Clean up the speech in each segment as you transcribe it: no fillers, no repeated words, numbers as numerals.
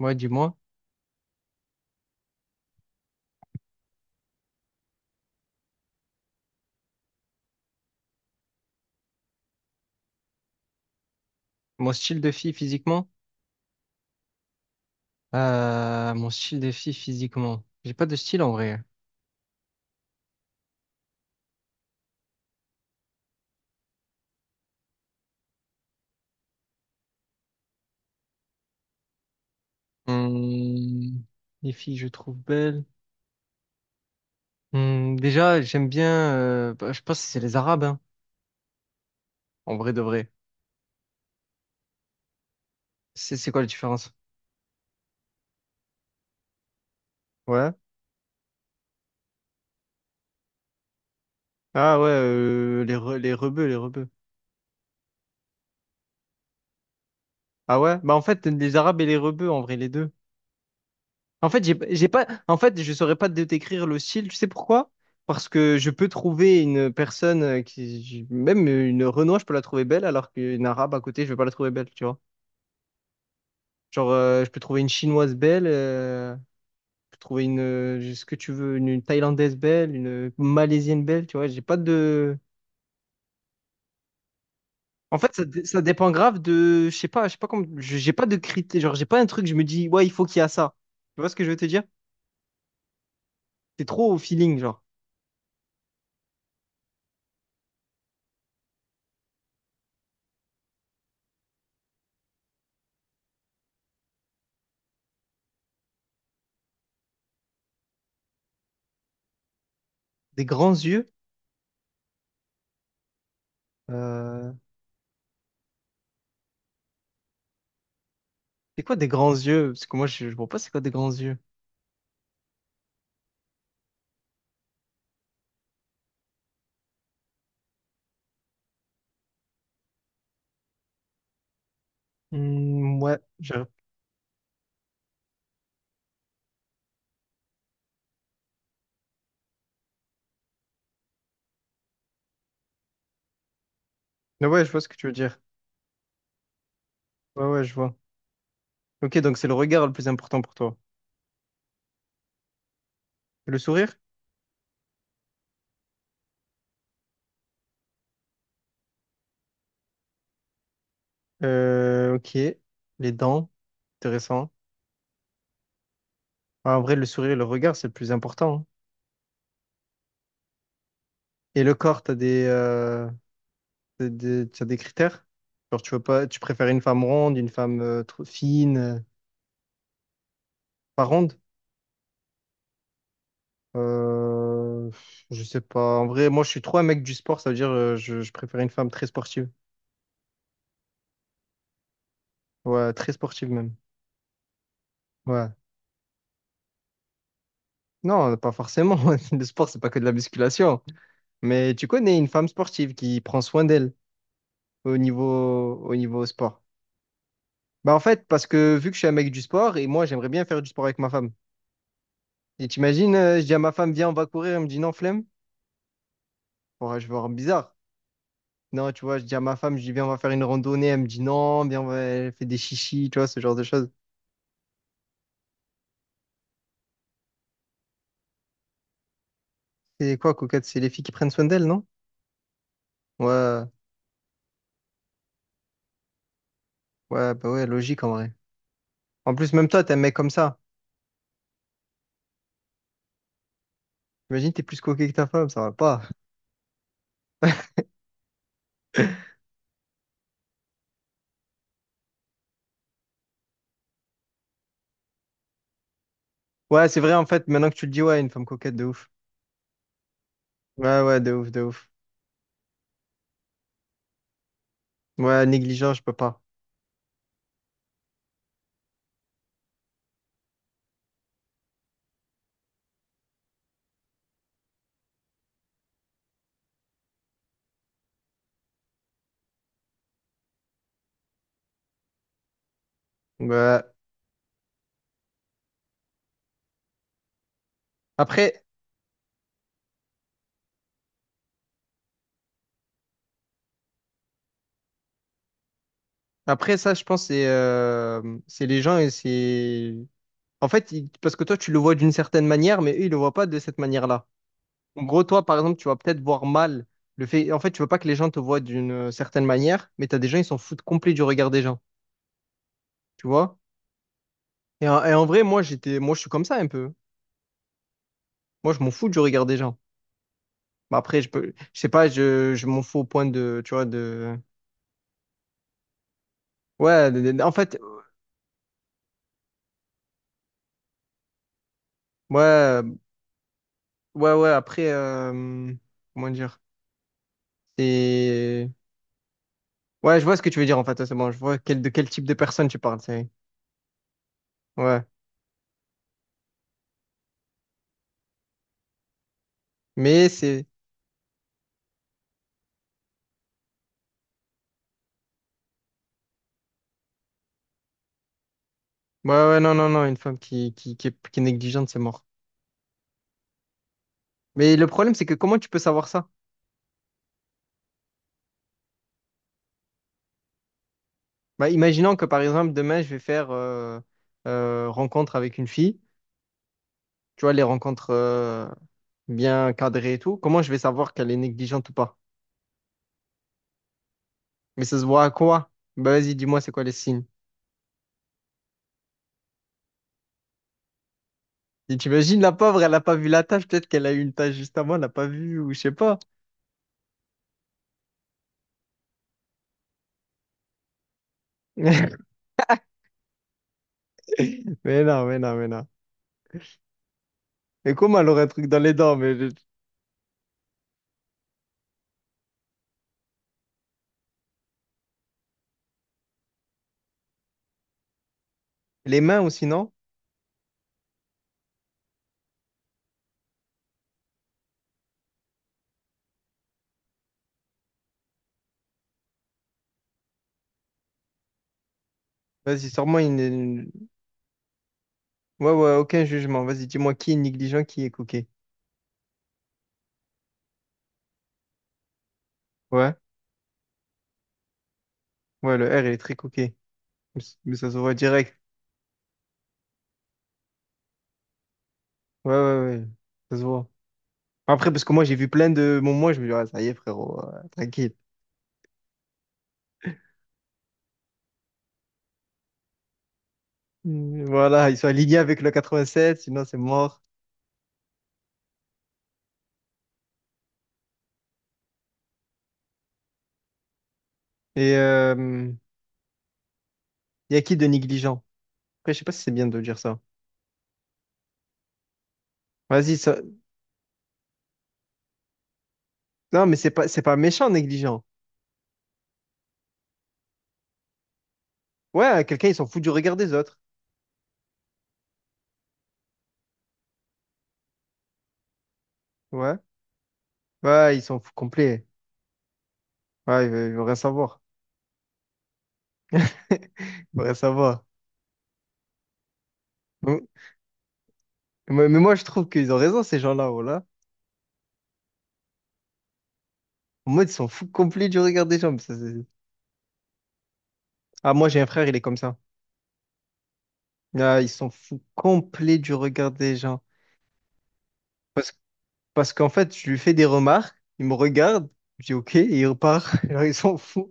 Ouais, dis-moi. Mon style de fille physiquement? Mon style de fille physiquement. J'ai pas de style en vrai. Hum, les filles, je trouve belles. Déjà, j'aime bien. Bah, je pense que c'est les Arabes, hein, en vrai de vrai. C'est quoi la différence? Ouais. Ah ouais, les rebeux, les rebeux. Ah ouais? Bah en fait, les Arabes et les rebeux, en vrai, les deux. En fait, j'ai pas, en fait, je saurais pas te décrire le style, tu sais pourquoi? Parce que je peux trouver une personne qui, même une Renoir, je peux la trouver belle, alors qu'une Arabe à côté, je vais pas la trouver belle, tu vois. Genre, je peux trouver une Chinoise belle, je peux trouver une, ce que tu veux, une Thaïlandaise belle, une Malaisienne belle, tu vois. J'ai pas de, en fait, ça dépend grave de, je sais pas comment, j'ai pas de critères, genre, j'ai pas un truc, je me dis, ouais, il faut qu'il y a ça. Tu vois ce que je veux te dire? C'est trop au feeling, genre, des grands yeux. Euh, C'est quoi des grands yeux? Parce que moi, je vois pas c'est quoi des grands yeux. Hmm, ouais, je... Mais ouais, je vois ce que tu veux dire. Ouais, ouais, je vois. Ok, donc c'est le regard le plus important pour toi. Le sourire? Ok. Les dents? Intéressant. Ouais, en vrai, le sourire et le regard, c'est le plus important, hein. Et le corps, t'as des critères? Genre, tu veux pas, tu préfères une femme ronde, une femme trop fine, pas ronde? Euh, je sais pas. En vrai, moi, je suis trop un mec du sport, ça veut dire je préfère une femme très sportive. Ouais, très sportive même. Ouais. Non, pas forcément. Le sport, c'est pas que de la musculation. Mais tu connais une femme sportive qui prend soin d'elle au niveau sport. Bah en fait, parce que vu que je suis un mec du sport, et moi, j'aimerais bien faire du sport avec ma femme. Et t'imagines, je dis à ma femme, viens, on va courir. Elle me dit non, flemme. Ouais, je vais voir bizarre. Non, tu vois, je dis à ma femme, je dis, viens, on va faire une randonnée. Elle me dit non, viens, on va elle fait des chichis, tu vois, ce genre de choses. C'est quoi, coquette? C'est les filles qui prennent soin d'elles, non? Ouais, ouais, bah ouais, logique en vrai. En plus, même toi, t'es un mec comme ça. Imagine, t'es plus coquet que ta femme, ça va pas. Ouais, c'est vrai, en fait, maintenant que tu le dis, ouais, une femme coquette, de ouf. Ouais, ouais, de ouf, de ouf. Ouais, négligent, je peux pas. Ouais. Après, après ça, je pense, c'est les gens et c'est... En fait, parce que toi, tu le vois d'une certaine manière, mais eux, ils le voient pas de cette manière-là. En gros, toi, par exemple, tu vas peut-être voir mal le fait... En fait, tu veux pas que les gens te voient d'une certaine manière, mais t'as des gens, ils s'en foutent complet du regard des gens, tu vois? Et en vrai, moi, j'étais... Moi, je suis comme ça, un peu. Moi, je m'en fous du regard des gens. Bah, après, je peux... Je sais pas, je m'en fous au point de, tu vois, de... Ouais, en fait, ouais, ouais, ouais, après, comment dire? C'est... Ouais, je vois ce que tu veux dire, en fait, ouais, c'est bon, je vois de quel type de personne tu parles, c'est... Ouais, mais c'est... Ouais, ouais, non, non, non, une femme qui est négligente, c'est mort. Mais le problème, c'est que comment tu peux savoir ça? Bah, imaginons que, par exemple, demain, je vais faire rencontre avec une fille, tu vois, les rencontres bien cadrées et tout, comment je vais savoir qu'elle est négligente ou pas? Mais ça se voit à quoi? Bah, vas-y, dis-moi, c'est quoi les signes? Et t'imagines la pauvre, elle n'a pas vu la tâche, peut-être qu'elle a eu une tâche juste avant, elle n'a pas vu, ou je sais pas. Mais non, mais non, mais non. Et comment elle aurait un truc dans les dents, les mains aussi, non? Vas-y, sors-moi une Ouais, ouais, aucun jugement. Vas-y, dis-moi qui est négligent, qui est coquet. Ouais, ouais, le R, il est très coquet. Mais mais ça se voit direct. Ouais, ouais, ouais, ça se voit. Après, parce que moi, j'ai vu plein de moments, je me dis, ah, ça y est, frérot, tranquille. Mm, voilà, ils sont alignés avec le 87, sinon c'est mort. Et il y a qui de négligent? Après, je sais pas si c'est bien de dire ça. Vas-y, ça... Non, mais c'est pas, méchant, négligent. Ouais, quelqu'un, il s'en fout du regard des autres. Ouais. Ouais, ils s'en fout complet. Ouais, ils veulent il veut rien savoir. Ils veulent rien savoir. Mais, mais moi, je trouve qu'ils ont raison, ces gens-là, oh là. En mode, ils s'en foutent complet du regard des gens. Ça, c'est- Ah, moi, j'ai un frère, il est comme ça. Ah, il s'en fout complet du regard des gens. Parce, parce qu'en fait, je lui fais des remarques, il me regarde, je dis OK, et il repart. Alors, il s'en fout.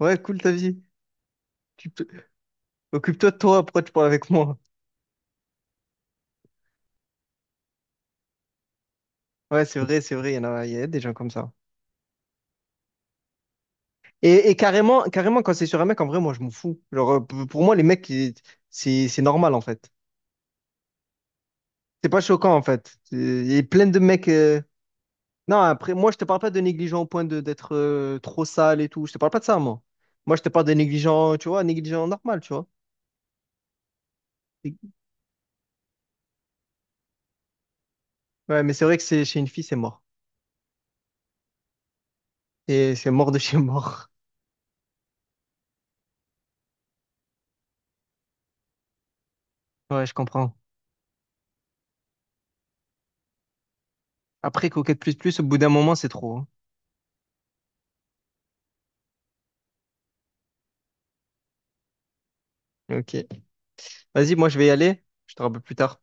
Ouais, cool ta vie. Tu te- Occupe-toi de toi, pourquoi tu parles avec moi? Ouais, c'est vrai, il y en a, il y a des gens comme ça. Et carrément, carrément, quand c'est sur un mec, en vrai, moi, je m'en fous. Genre, pour moi, les mecs, c'est normal, en fait. C'est pas choquant, en fait. Il y a plein de mecs. Non, après, moi, je te parle pas de négligent au point de d'être trop sale et tout. Je te parle pas de ça, moi. Moi, je te parle de négligent, tu vois, négligent normal, tu vois. Et- Ouais, mais c'est vrai que c'est chez une fille, c'est mort. Et c'est mort de chez mort. Ouais, je comprends. Après, coquette plus plus, au bout d'un moment, c'est trop, hein. Ok. Vas-y, moi, je vais y aller. Je te rappelle plus tard.